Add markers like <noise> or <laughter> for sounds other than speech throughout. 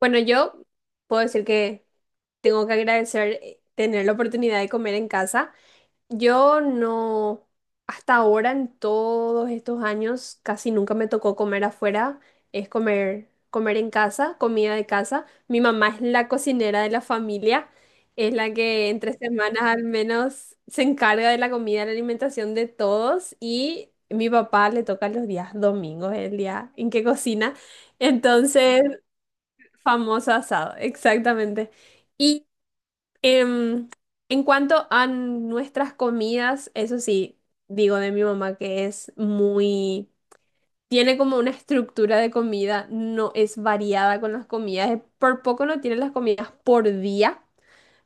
Bueno, yo puedo decir que tengo que agradecer tener la oportunidad de comer en casa. Yo no, hasta ahora en todos estos años, casi nunca me tocó comer afuera, es comer en casa, comida de casa. Mi mamá es la cocinera de la familia, es la que entre semanas al menos se encarga de la comida, la alimentación de todos y mi papá le toca los días domingos, el día en que cocina. Entonces... Famoso asado, exactamente. Y em, en cuanto a nuestras comidas, eso sí, digo de mi mamá que es tiene como una estructura de comida, no es variada con las comidas, por poco no tiene las comidas por día,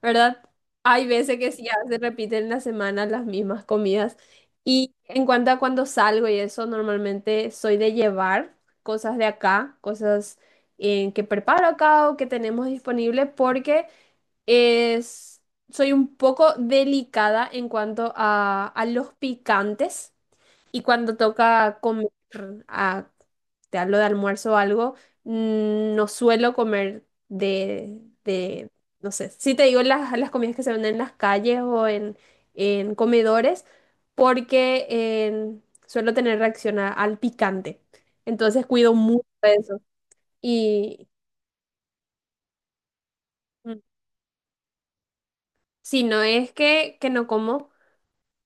¿verdad? Hay veces que sí, ya se repiten en la semana las mismas comidas. Y en cuanto a cuando salgo y eso, normalmente soy de llevar cosas de acá, cosas que preparo acá o que tenemos disponible, porque es, soy un poco delicada en cuanto a los picantes. Y cuando toca comer a, te hablo de almuerzo o algo, no suelo comer no sé, si te digo las comidas que se venden en las calles en comedores, porque suelo tener reacción al picante. Entonces cuido mucho eso. Y mm, si no es que no como.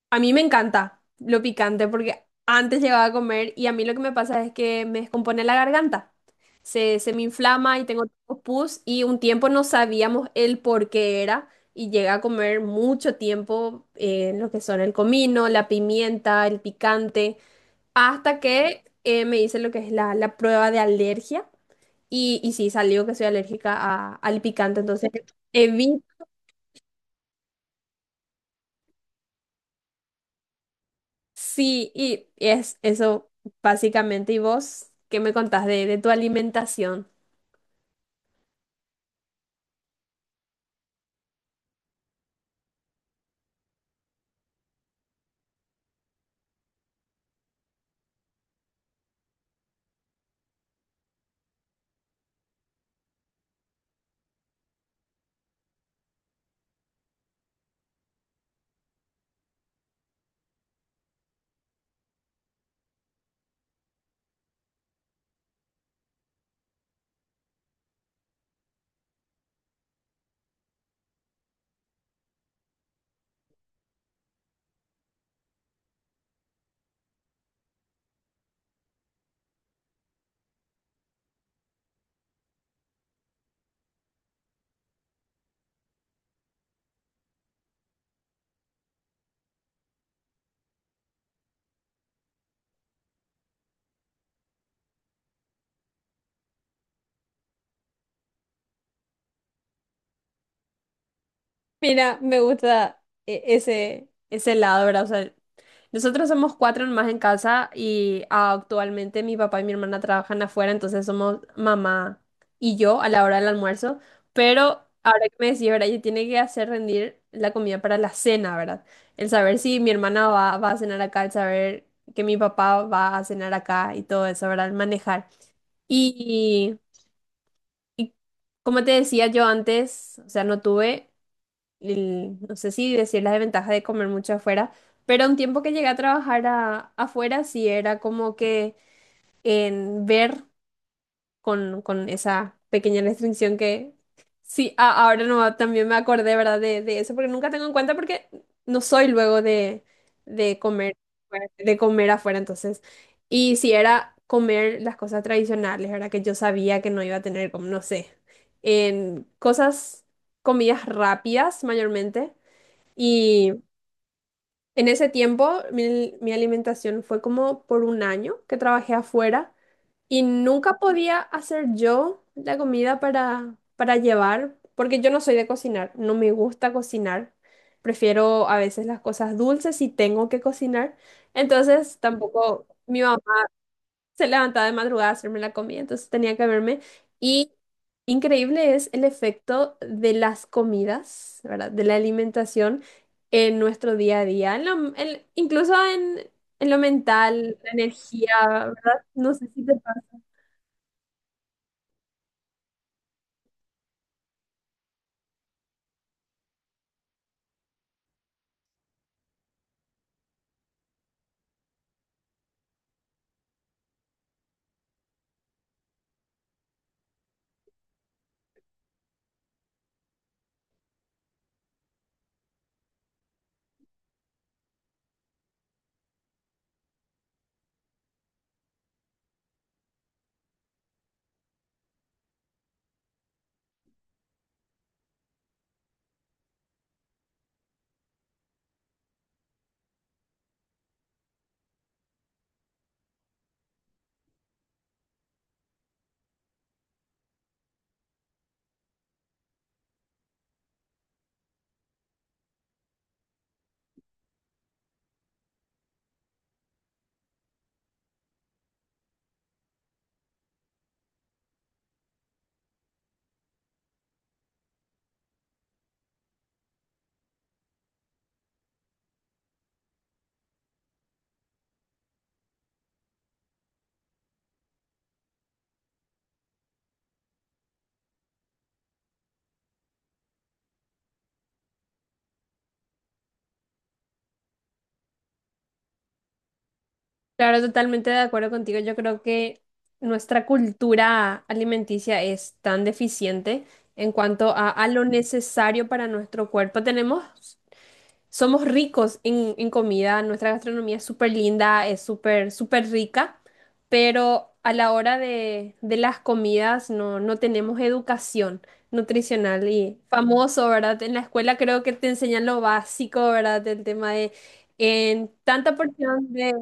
A mí me encanta lo picante porque antes llegaba a comer y a mí lo que me pasa es que me descompone la garganta. Se me inflama y tengo tipo pus y un tiempo no sabíamos el por qué era y llegué a comer mucho tiempo lo que son el comino, la pimienta, el picante, hasta que me hice lo que es la prueba de alergia y sí salió que soy alérgica al picante, entonces evito. Sí, y es eso básicamente. ¿Y vos qué me contás de tu alimentación? Mira, me gusta ese lado, ¿verdad? O sea, nosotros somos cuatro más en casa y actualmente mi papá y mi hermana trabajan afuera, entonces somos mamá y yo a la hora del almuerzo. Pero ahora que me decís, ¿verdad? Yo tiene que hacer rendir la comida para la cena, ¿verdad? El saber si mi hermana va a cenar acá, el saber que mi papá va a cenar acá y todo eso, ¿verdad? El manejar. Y, y como te decía yo antes, o sea, no tuve, no sé si decir la desventaja de comer mucho afuera, pero un tiempo que llegué a trabajar afuera sí era como que en ver con esa pequeña restricción que sí, ahora no, también me acordé, ¿verdad? De eso, porque nunca tengo en cuenta porque no soy luego de, de comer, de comer afuera, entonces. Y si era comer las cosas tradicionales, ¿verdad? Que yo sabía que no iba a tener, como, no sé, en cosas, comidas rápidas mayormente. Y en ese tiempo mi alimentación fue como por un año que trabajé afuera. Y nunca podía hacer yo la comida para llevar, porque yo no soy de cocinar, no me gusta cocinar. Prefiero a veces las cosas dulces si tengo que cocinar. Entonces tampoco mi mamá se levantaba de madrugada a hacerme la comida, entonces tenía que verme. Y increíble es el efecto de las comidas, ¿verdad? De la alimentación en nuestro día a día, en incluso en lo mental, la energía, ¿verdad? No sé si te... Claro, totalmente de acuerdo contigo. Yo creo que nuestra cultura alimenticia es tan deficiente en cuanto a lo necesario para nuestro cuerpo. Tenemos Somos ricos en comida, nuestra gastronomía es súper linda, es súper rica, pero a la hora de las comidas no, no tenemos educación nutricional y famoso, ¿verdad? En la escuela creo que te enseñan lo básico, ¿verdad? El tema de en tanta porción de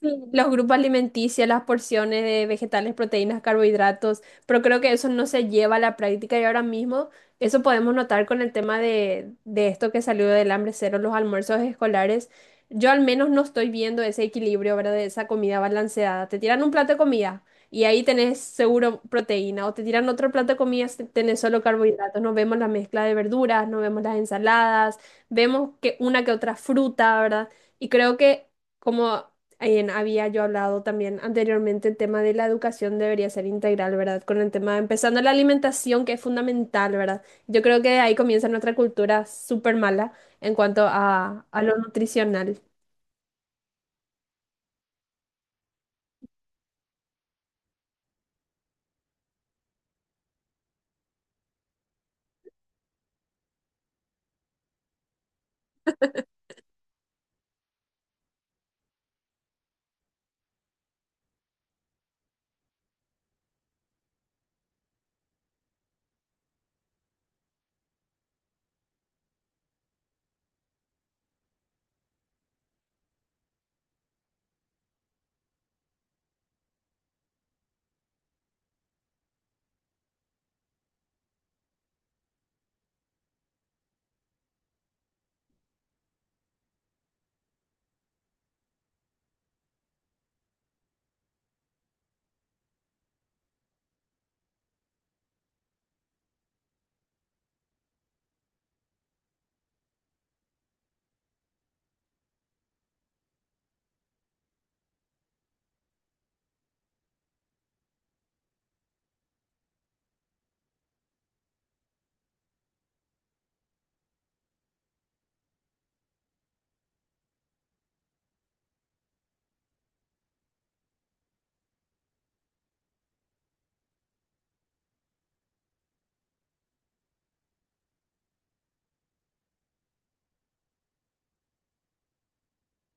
sí, los grupos alimenticios, las porciones de vegetales, proteínas, carbohidratos, pero creo que eso no se lleva a la práctica y ahora mismo... Eso podemos notar con el tema de esto que salió del hambre cero, los almuerzos escolares. Yo al menos no estoy viendo ese equilibrio, ¿verdad? De esa comida balanceada. Te tiran un plato de comida y ahí tenés seguro proteína, o te tiran otro plato de comida y tenés solo carbohidratos. No vemos la mezcla de verduras, no vemos las ensaladas, vemos que una que otra fruta, ¿verdad? Y creo que como había yo hablado también anteriormente, el tema de la educación debería ser integral, ¿verdad? Con el tema, empezando la alimentación, que es fundamental, ¿verdad? Yo creo que ahí comienza nuestra cultura súper mala en cuanto a lo nutricional.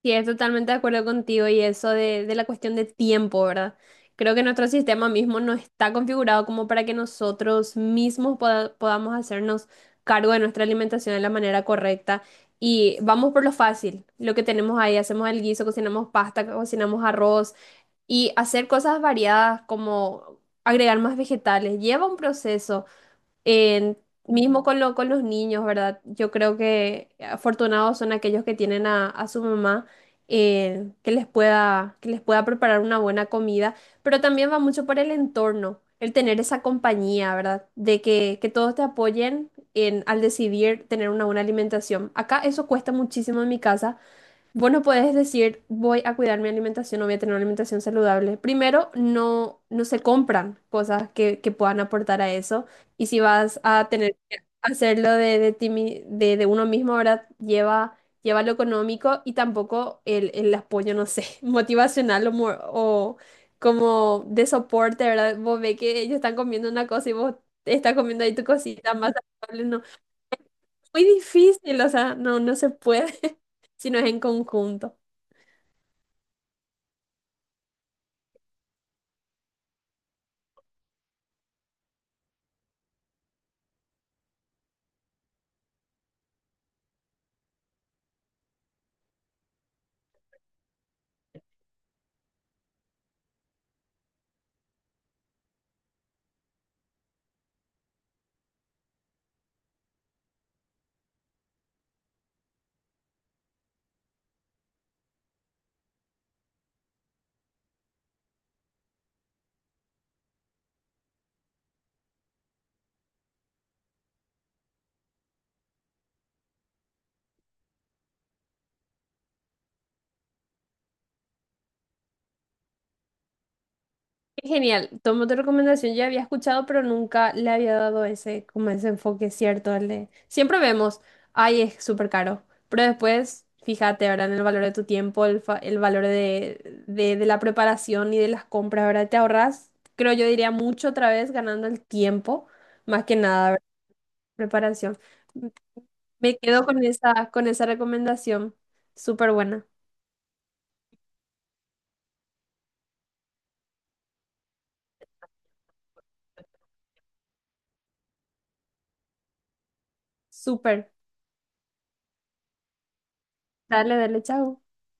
Sí, es totalmente de acuerdo contigo y eso de la cuestión de tiempo, ¿verdad? Creo que nuestro sistema mismo no está configurado como para que nosotros mismos podamos hacernos cargo de nuestra alimentación de la manera correcta. Y vamos por lo fácil, lo que tenemos ahí, hacemos el guiso, cocinamos pasta, cocinamos arroz y hacer cosas variadas como agregar más vegetales. Lleva un proceso. En- Mismo con lo, con los niños, ¿verdad? Yo creo que afortunados son aquellos que tienen a su mamá que les que les pueda preparar una buena comida, pero también va mucho por el entorno, el tener esa compañía, ¿verdad? De que todos te apoyen en, al decidir tener una buena alimentación. Acá eso cuesta muchísimo en mi casa. Vos no podés decir, voy a cuidar mi alimentación o voy a tener una alimentación saludable. Primero, no, no se compran cosas que puedan aportar a eso. Y si vas a tener que hacerlo de, de uno mismo, ahora lleva, lleva lo económico y tampoco el apoyo, no sé, <laughs> motivacional o como de soporte, ¿verdad? Vos ves que ellos están comiendo una cosa y vos estás comiendo ahí tu cosita más saludable. No, muy difícil, o sea, no, no se puede <laughs> si no es en conjunto. Qué genial, tomo tu recomendación, ya había escuchado, pero nunca le había dado ese, como ese enfoque cierto, el de, siempre vemos, ay, es súper caro, pero después, fíjate, ¿verdad? En el valor de tu tiempo, el, el valor de, de la preparación y de las compras, ¿verdad? Te ahorras, creo yo diría mucho otra vez ganando el tiempo, más que nada, ¿verdad? Preparación. Me quedo con esa recomendación, súper buena, súper. Dale, dale, chao.